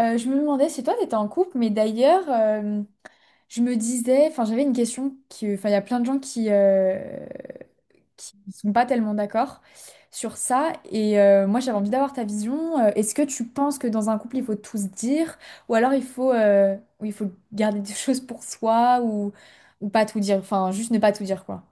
Je me demandais si toi t'étais en couple. Mais d'ailleurs, je me disais, enfin, j'avais une question qui, il y a plein de gens qui qui sont pas tellement d'accord sur ça. Et moi j'avais envie d'avoir ta vision. Est-ce que tu penses que dans un couple il faut tout se dire, ou alors il faut, ou il faut garder des choses pour soi, ou pas tout dire, enfin juste ne pas tout dire quoi.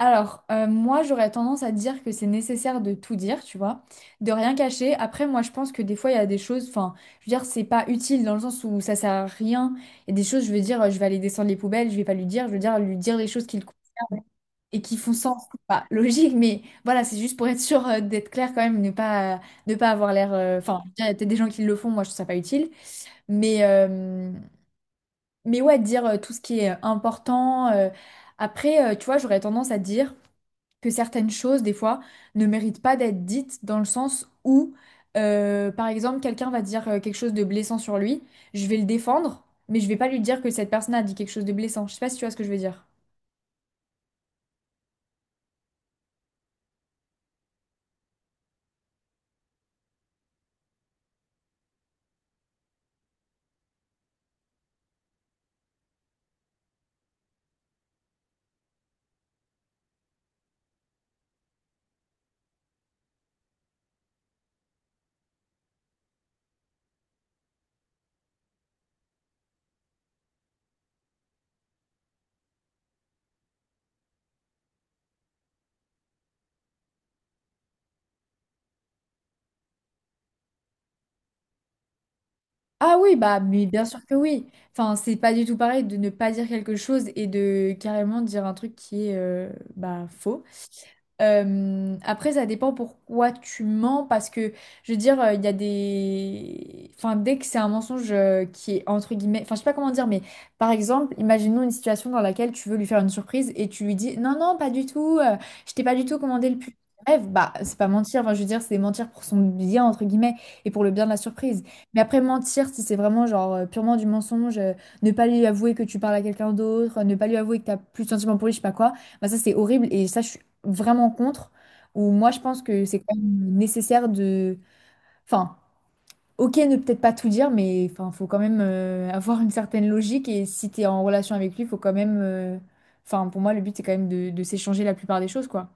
Alors, moi, j'aurais tendance à dire que c'est nécessaire de tout dire, tu vois, de rien cacher. Après, moi, je pense que des fois, il y a des choses, enfin, je veux dire, c'est pas utile dans le sens où ça sert à rien. Il y a des choses, je veux dire, je vais aller descendre les poubelles, je vais pas lui dire, je veux dire, lui dire les choses qui le concernent et qui font sens. C'est pas logique, mais voilà, c'est juste pour être sûr d'être clair quand même, ne pas avoir l'air. Enfin, je veux dire, il y a peut-être des gens qui le font, moi, je trouve ça pas utile. Mais, euh, mais ouais, dire tout ce qui est important. Après, tu vois, j'aurais tendance à dire que certaines choses, des fois, ne méritent pas d'être dites dans le sens où, par exemple, quelqu'un va dire quelque chose de blessant sur lui, je vais le défendre, mais je vais pas lui dire que cette personne a dit quelque chose de blessant. Je sais pas si tu vois ce que je veux dire. Ah oui, bah, mais bien sûr que oui. Enfin, c'est pas du tout pareil de ne pas dire quelque chose et de carrément dire un truc qui est, bah, faux. Après, ça dépend pourquoi tu mens, parce que, je veux dire, il y a des... Enfin, dès que c'est un mensonge qui est entre guillemets... Enfin, je sais pas comment dire, mais par exemple, imaginons une situation dans laquelle tu veux lui faire une surprise et tu lui dis, non, non, pas du tout, je t'ai pas du tout commandé le pull. De Bah, c'est pas mentir, enfin, je veux dire, c'est mentir pour son bien, entre guillemets, et pour le bien de la surprise. Mais après, mentir, si c'est vraiment genre purement du mensonge, ne pas lui avouer que tu parles à quelqu'un d'autre, ne pas lui avouer que t'as plus de sentiments pour lui, je sais pas quoi, bah, ça c'est horrible et ça, je vraiment contre, où moi je pense que c'est quand même nécessaire de... Enfin, ok, ne peut-être pas tout dire, mais enfin, faut quand même avoir une certaine logique, et si tu es en relation avec lui, faut quand même... Enfin, pour moi, le but, c'est quand même de s'échanger la plupart des choses, quoi.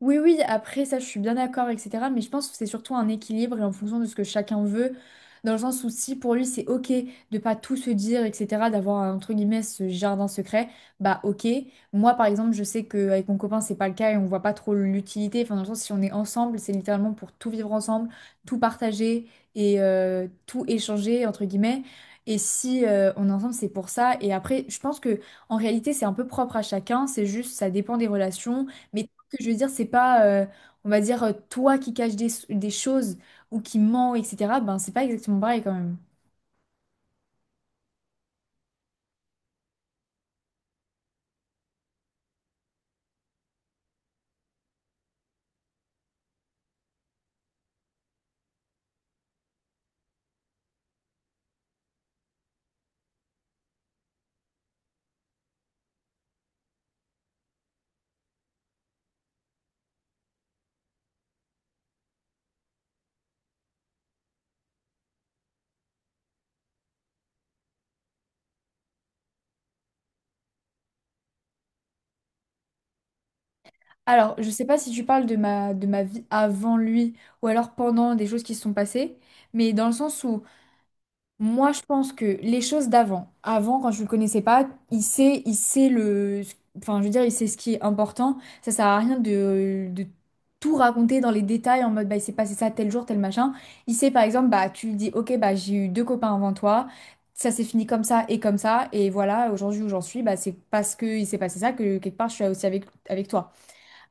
Oui, oui, après ça, je suis bien d'accord, etc. Mais je pense que c'est surtout un équilibre et en fonction de ce que chacun veut, dans le sens où si pour lui c'est ok de pas tout se dire, etc., d'avoir un, entre guillemets ce jardin secret, bah ok. Moi par exemple, je sais qu'avec mon copain c'est pas le cas et on voit pas trop l'utilité. Enfin, dans le sens, si on est ensemble, c'est littéralement pour tout vivre ensemble, tout partager et tout échanger, entre guillemets. Et si on est ensemble, c'est pour ça. Et après, je pense que en réalité, c'est un peu propre à chacun. C'est juste, ça dépend des relations que je veux dire, c'est pas, on va dire, toi qui caches des choses ou qui ment, etc. Ben, c'est pas exactement pareil quand même. Alors, je sais pas si tu parles de ma vie avant lui ou alors pendant des choses qui se sont passées, mais dans le sens où moi, je pense que les choses d'avant, avant, quand je le connaissais pas, il sait, il sait, je veux dire, il sait ce qui est important. Ça sert à rien de tout raconter dans les détails en mode, bah, il s'est passé ça tel jour, tel machin. Il sait, par exemple, bah, tu lui dis, ok, bah, j'ai eu 2 copains avant toi, ça s'est fini comme ça, et voilà, aujourd'hui où j'en suis, bah, c'est parce que il s'est passé ça que quelque part je suis aussi avec, avec toi.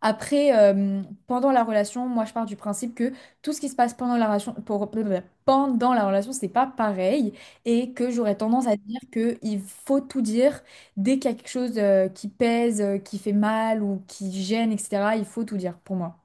Après, pendant la relation, moi je pars du principe que tout ce qui se passe pendant la relation, pendant la relation, c'est pas pareil et que j'aurais tendance à dire que il faut tout dire dès qu'il y a quelque chose qui pèse, qui fait mal ou qui gêne, etc. Il faut tout dire pour moi.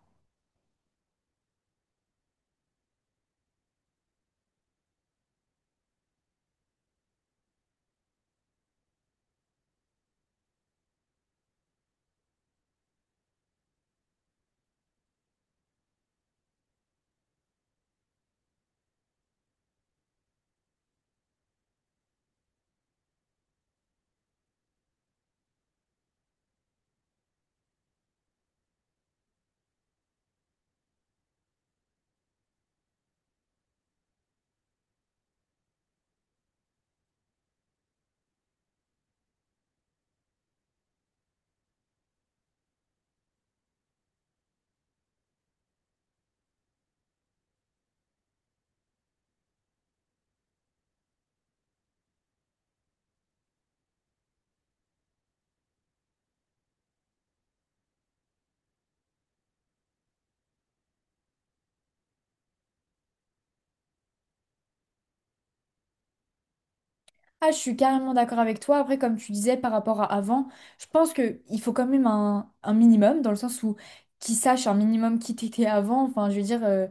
Ah, je suis carrément d'accord avec toi. Après, comme tu disais par rapport à avant, je pense que il faut quand même un minimum dans le sens où qui sache un minimum qui t'étais avant. Enfin, je veux dire. euh,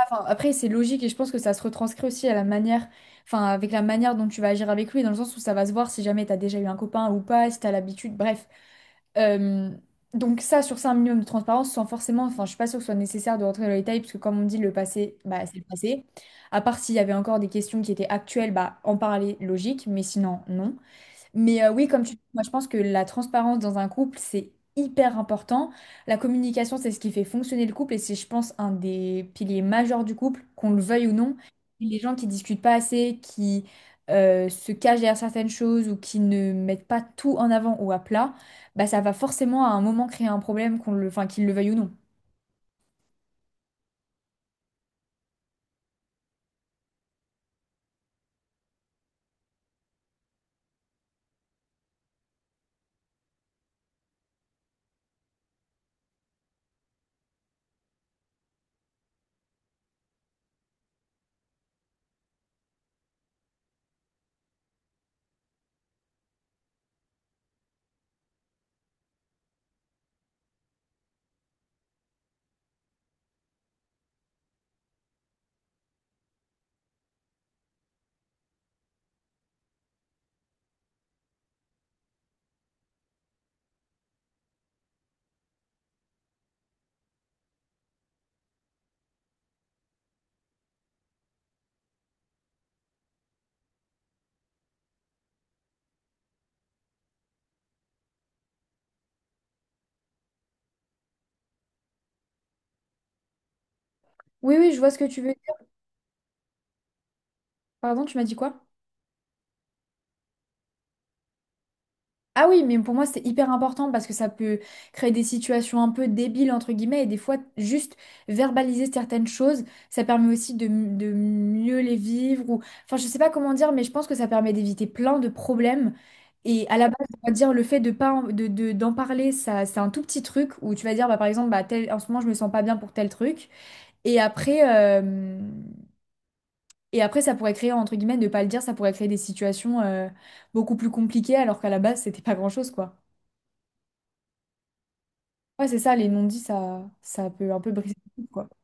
Enfin, après, c'est logique et je pense que ça se retranscrit aussi à la manière, enfin, avec la manière dont tu vas agir avec lui, dans le sens où ça va se voir si jamais tu as déjà eu un copain ou pas, si tu as l'habitude, bref. Euh, donc ça, sur ça, un minimum de transparence, sans forcément, enfin, je suis pas sûre que ce soit nécessaire de rentrer dans les détails, parce que comme on dit, le passé, bah, c'est le passé. À part s'il y avait encore des questions qui étaient actuelles, bah, en parler, logique, mais sinon, non. Mais oui, comme tu dis, moi je pense que la transparence dans un couple, c'est hyper important. La communication, c'est ce qui fait fonctionner le couple et c'est, je pense, un des piliers majeurs du couple, qu'on le veuille ou non. Et les gens qui discutent pas assez, qui se cachent derrière certaines choses ou qui ne mettent pas tout en avant ou à plat, bah ça va forcément à un moment créer un problème, qu'ils le veuillent ou non. Oui, oui, je vois ce que tu veux dire. Pardon, tu m'as dit quoi? Ah oui, mais pour moi, c'est hyper important parce que ça peut créer des situations un peu débiles, entre guillemets, et des fois, juste verbaliser certaines choses, ça permet aussi de mieux les vivre. Ou... Enfin, je sais pas comment dire, mais je pense que ça permet d'éviter plein de problèmes. Et à la base, on va dire, le fait de pas d'en parler, ça, c'est un tout petit truc où tu vas dire, bah, par exemple, bah, tel, en ce moment, je me sens pas bien pour tel truc. Et après, euh, et après, ça pourrait créer, entre guillemets, ne pas le dire, ça pourrait créer des situations, beaucoup plus compliquées alors qu'à la base, c'était pas grand-chose, quoi. Ouais, c'est ça, les non-dits, ça peut un peu briser le couple, quoi.